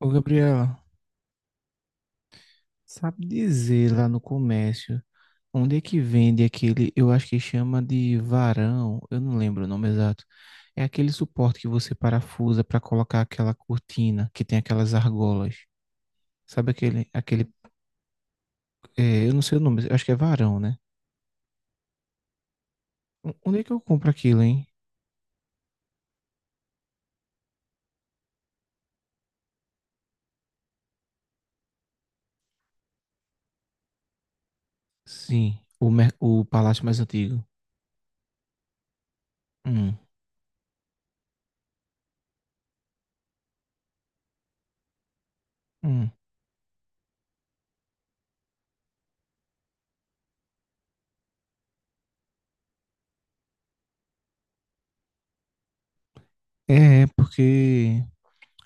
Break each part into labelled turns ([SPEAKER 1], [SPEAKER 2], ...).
[SPEAKER 1] Ô, Gabriela, sabe dizer lá no comércio onde é que vende aquele, eu acho que chama de varão, eu não lembro o nome exato. É aquele suporte que você parafusa para colocar aquela cortina que tem aquelas argolas. Sabe eu não sei o nome, eu acho que é varão, né? Onde é que eu compro aquilo, hein? Sim, o palácio mais antigo. Hum, hum. Porque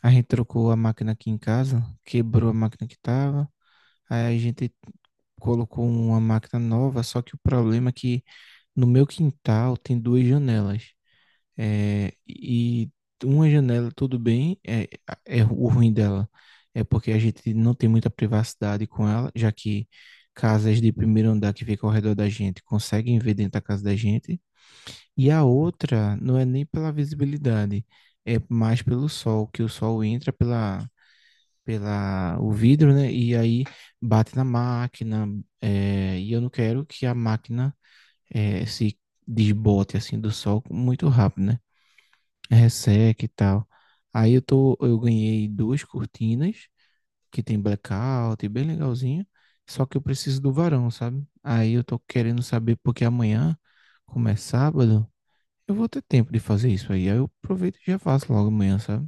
[SPEAKER 1] a gente trocou a máquina aqui em casa, quebrou a máquina que tava. Aí a gente colocou uma máquina nova, só que o problema é que no meu quintal tem duas janelas. É, e uma janela, tudo bem, é o ruim dela. É porque a gente não tem muita privacidade com ela, já que casas de primeiro andar que ficam ao redor da gente conseguem ver dentro da casa da gente. E a outra não é nem pela visibilidade, é mais pelo sol, que o sol entra pela o vidro, né? E aí bate na máquina, e eu não quero que a máquina se desbote assim do sol muito rápido, né? Resseca e tal. Eu ganhei duas cortinas que tem blackout, bem legalzinho. Só que eu preciso do varão, sabe? Aí eu tô querendo saber porque amanhã, como é sábado, eu vou ter tempo de fazer isso aí. Aí eu aproveito e já faço logo amanhã, sabe?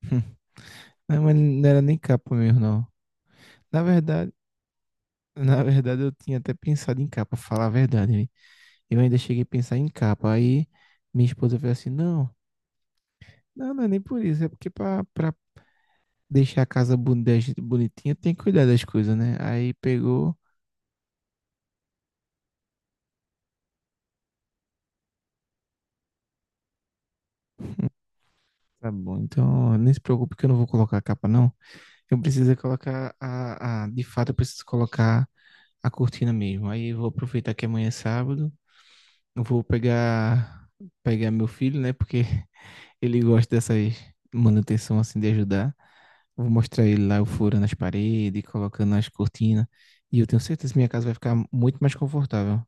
[SPEAKER 1] Não, mas não era nem capa mesmo, não. Na verdade, Na verdade, eu tinha até pensado em capa, pra falar a verdade, né? Eu ainda cheguei a pensar em capa. Aí minha esposa falou assim: não, não, não é nem por isso, é porque pra deixar a casa da gente bonitinha tem que cuidar das coisas, né? Aí pegou, tá bom, então nem se preocupe que eu não vou colocar a capa, não. Eu preciso é colocar a. De fato, eu preciso colocar a cortina mesmo. Aí eu vou aproveitar que amanhã é sábado, eu vou pegar, pegar meu filho, né? Porque ele gosta dessas manutenção assim de ajudar. Vou mostrar ele lá, eu furando as paredes, colocando as cortinas. E eu tenho certeza que minha casa vai ficar muito mais confortável.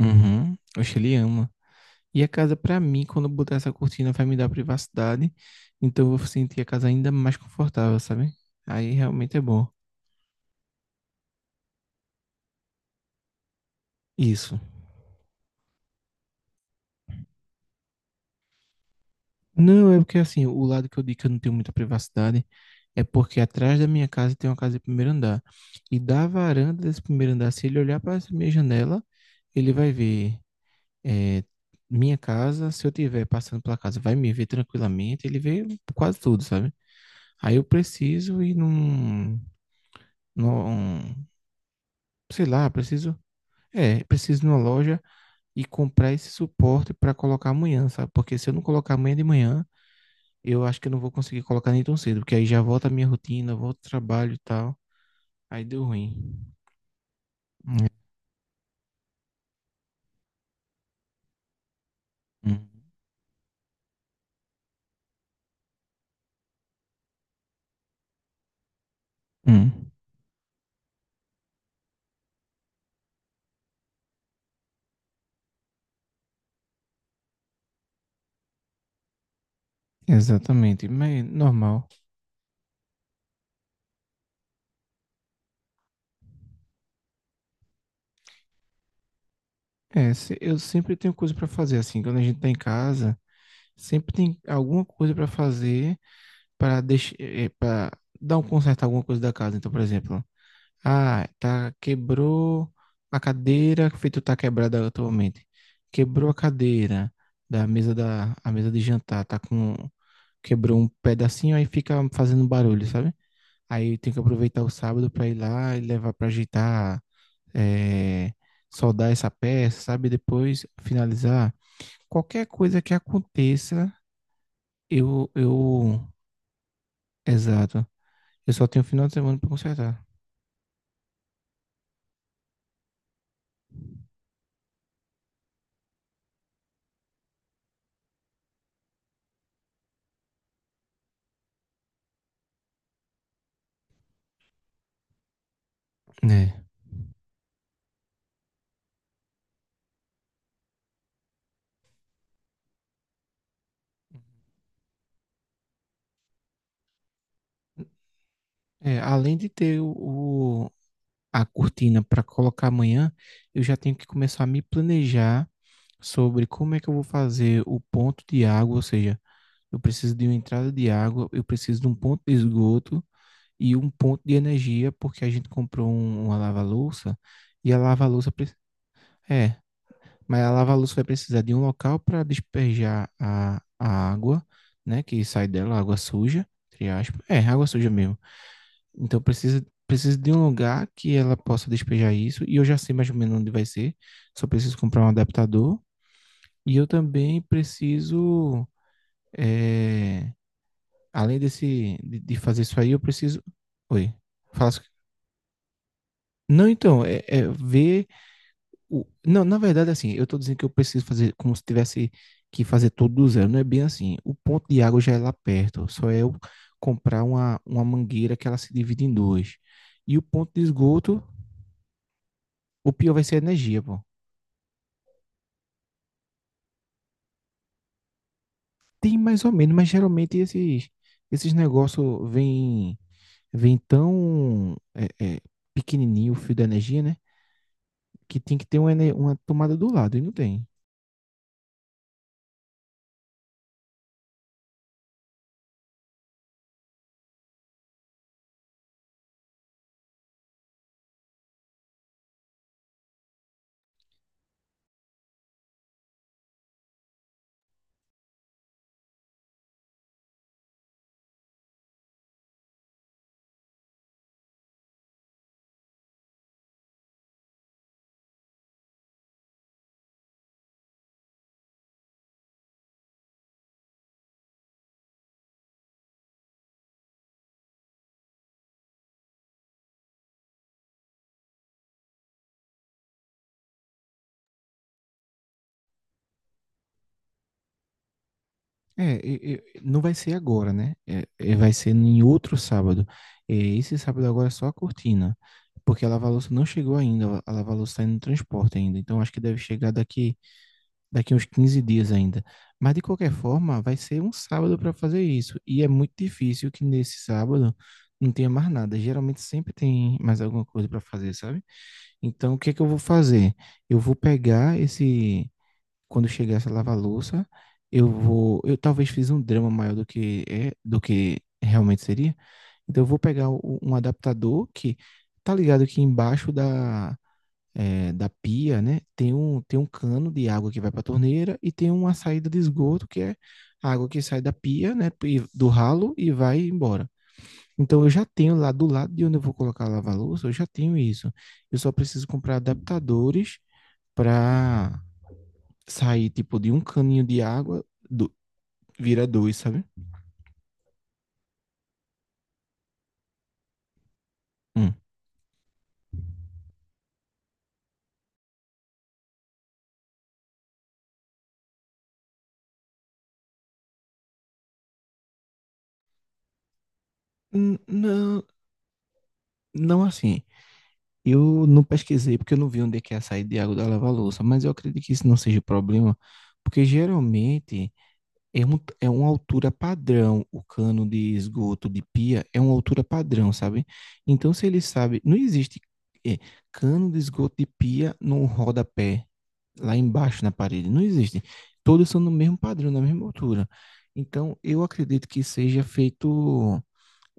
[SPEAKER 1] Uhum. Acho que ele ama. E a casa, pra mim, quando eu botar essa cortina, vai me dar privacidade. Então eu vou sentir a casa ainda mais confortável, sabe? Aí realmente é bom. Isso. Não, é porque assim, o lado que eu digo que eu não tenho muita privacidade é porque atrás da minha casa tem uma casa de primeiro andar. E da varanda desse primeiro andar, se ele olhar para essa minha janela, ele vai ver é, minha casa, se eu tiver passando pela casa, vai me ver tranquilamente, ele vê quase tudo, sabe? Aí eu preciso ir num, num, sei lá, preciso, é, preciso ir numa loja e comprar esse suporte para colocar amanhã, sabe? Porque se eu não colocar amanhã de manhã, eu acho que eu não vou conseguir colocar nem tão cedo, porque aí já volta a minha rotina, volta o trabalho e tal, aí deu ruim. Hum, hum, hum. Exatamente, mas normal. Eu sempre tenho coisa para fazer assim, quando a gente tá em casa, sempre tem alguma coisa para fazer para deixar, para dar um conserto em alguma coisa da casa. Então, por exemplo, ah, quebrou a cadeira, feito tá quebrada atualmente. Quebrou a cadeira da mesa da a mesa de jantar, tá com quebrou um pedacinho aí fica fazendo barulho, sabe? Aí tem que aproveitar o sábado para ir lá e levar para ajeitar, é, soldar essa peça, sabe? Depois finalizar qualquer coisa que aconteça, eu... Exato. Eu só tenho um final de semana para consertar. Né? É, além de ter a cortina para colocar amanhã, eu já tenho que começar a me planejar sobre como é que eu vou fazer o ponto de água, ou seja, eu preciso de uma entrada de água, eu preciso de um ponto de esgoto e um ponto de energia, porque a gente comprou uma lava-louça e a lava-louça é, Mas a lava-luz vai precisar de um local para despejar a água, né? Que sai dela, água suja, entre aspas. É, água suja mesmo. Então precisa de um lugar que ela possa despejar isso. E eu já sei mais ou menos onde vai ser. Só preciso comprar um adaptador. E eu também preciso. é, Além desse, de fazer isso aí, eu preciso. Oi. Faço... Não, então, é ver não, na verdade, assim, eu tô dizendo que eu preciso fazer como se tivesse que fazer tudo do zero. Não é bem assim. O ponto de água já é lá perto. Só é eu comprar uma mangueira que ela se divide em duas. E o ponto de esgoto, o pior vai ser a energia, pô. Tem mais ou menos, mas geralmente esses negócios vêm tão é, é, pequenininho o fio da energia, né? Que tem que ter uma tomada do lado e não tem. Não vai ser agora, né? Vai ser em outro sábado. É, esse sábado agora é só a cortina, porque a lava-louça não chegou ainda, a lava-louça está indo no transporte ainda, então acho que deve chegar daqui uns 15 dias ainda. Mas de qualquer forma, vai ser um sábado para fazer isso, e é muito difícil que nesse sábado não tenha mais nada. Geralmente sempre tem mais alguma coisa para fazer, sabe? Então o que é que eu vou fazer? Eu vou pegar esse quando chegar essa lava-louça, eu vou, eu talvez fiz um drama maior do que é, do que realmente seria. Então eu vou pegar um adaptador que tá ligado que embaixo da pia, né, tem um cano de água que vai para a torneira e tem uma saída de esgoto que é a água que sai da pia, né, do ralo e vai embora. Então eu já tenho lá do lado de onde eu vou colocar a lava-louça, eu já tenho isso. Eu só preciso comprar adaptadores para sair, tipo, de um caninho de água, do, vira dois, sabe? Um. Não, não assim. Eu não pesquisei porque eu não vi onde é que é a saída de água da lava-louça, mas eu acredito que isso não seja problema, porque geralmente é uma altura padrão, o cano de esgoto de pia é uma altura padrão, sabe? Então, se ele sabe, não existe é, cano de esgoto de pia num rodapé lá embaixo na parede, não existe. Todos são no mesmo padrão, na mesma altura. Então, eu acredito que seja feito,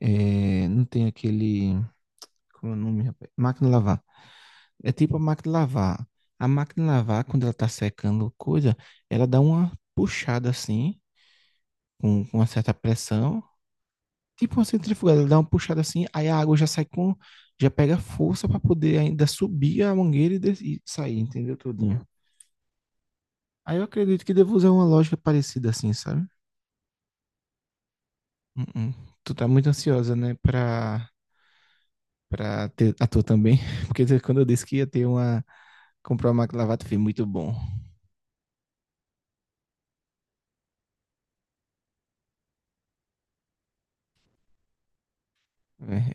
[SPEAKER 1] não tem aquele, como é o nome, rapaz? Máquina de lavar. É tipo a máquina de lavar. A máquina de lavar, quando ela tá secando coisa, ela dá uma puxada assim, com uma certa pressão, tipo uma centrifugada, ele dá uma puxada assim, aí a água já sai já pega força para poder ainda subir a mangueira e sair, entendeu? Tudinho. Aí eu acredito que devo usar uma lógica parecida assim, sabe? Uh-uh. Tu tá muito ansiosa, né, pra ter a tua também, porque quando eu disse que ia ter comprar uma máquina de lavar, tu fez muito bom.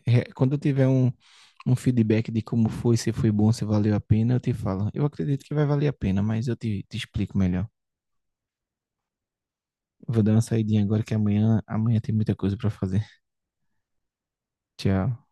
[SPEAKER 1] Quando eu tiver um feedback de como foi, se foi bom, se valeu a pena, eu te falo. Eu acredito que vai valer a pena, mas eu te explico melhor. Vou dar uma saidinha agora que amanhã tem muita coisa pra fazer. Tchau.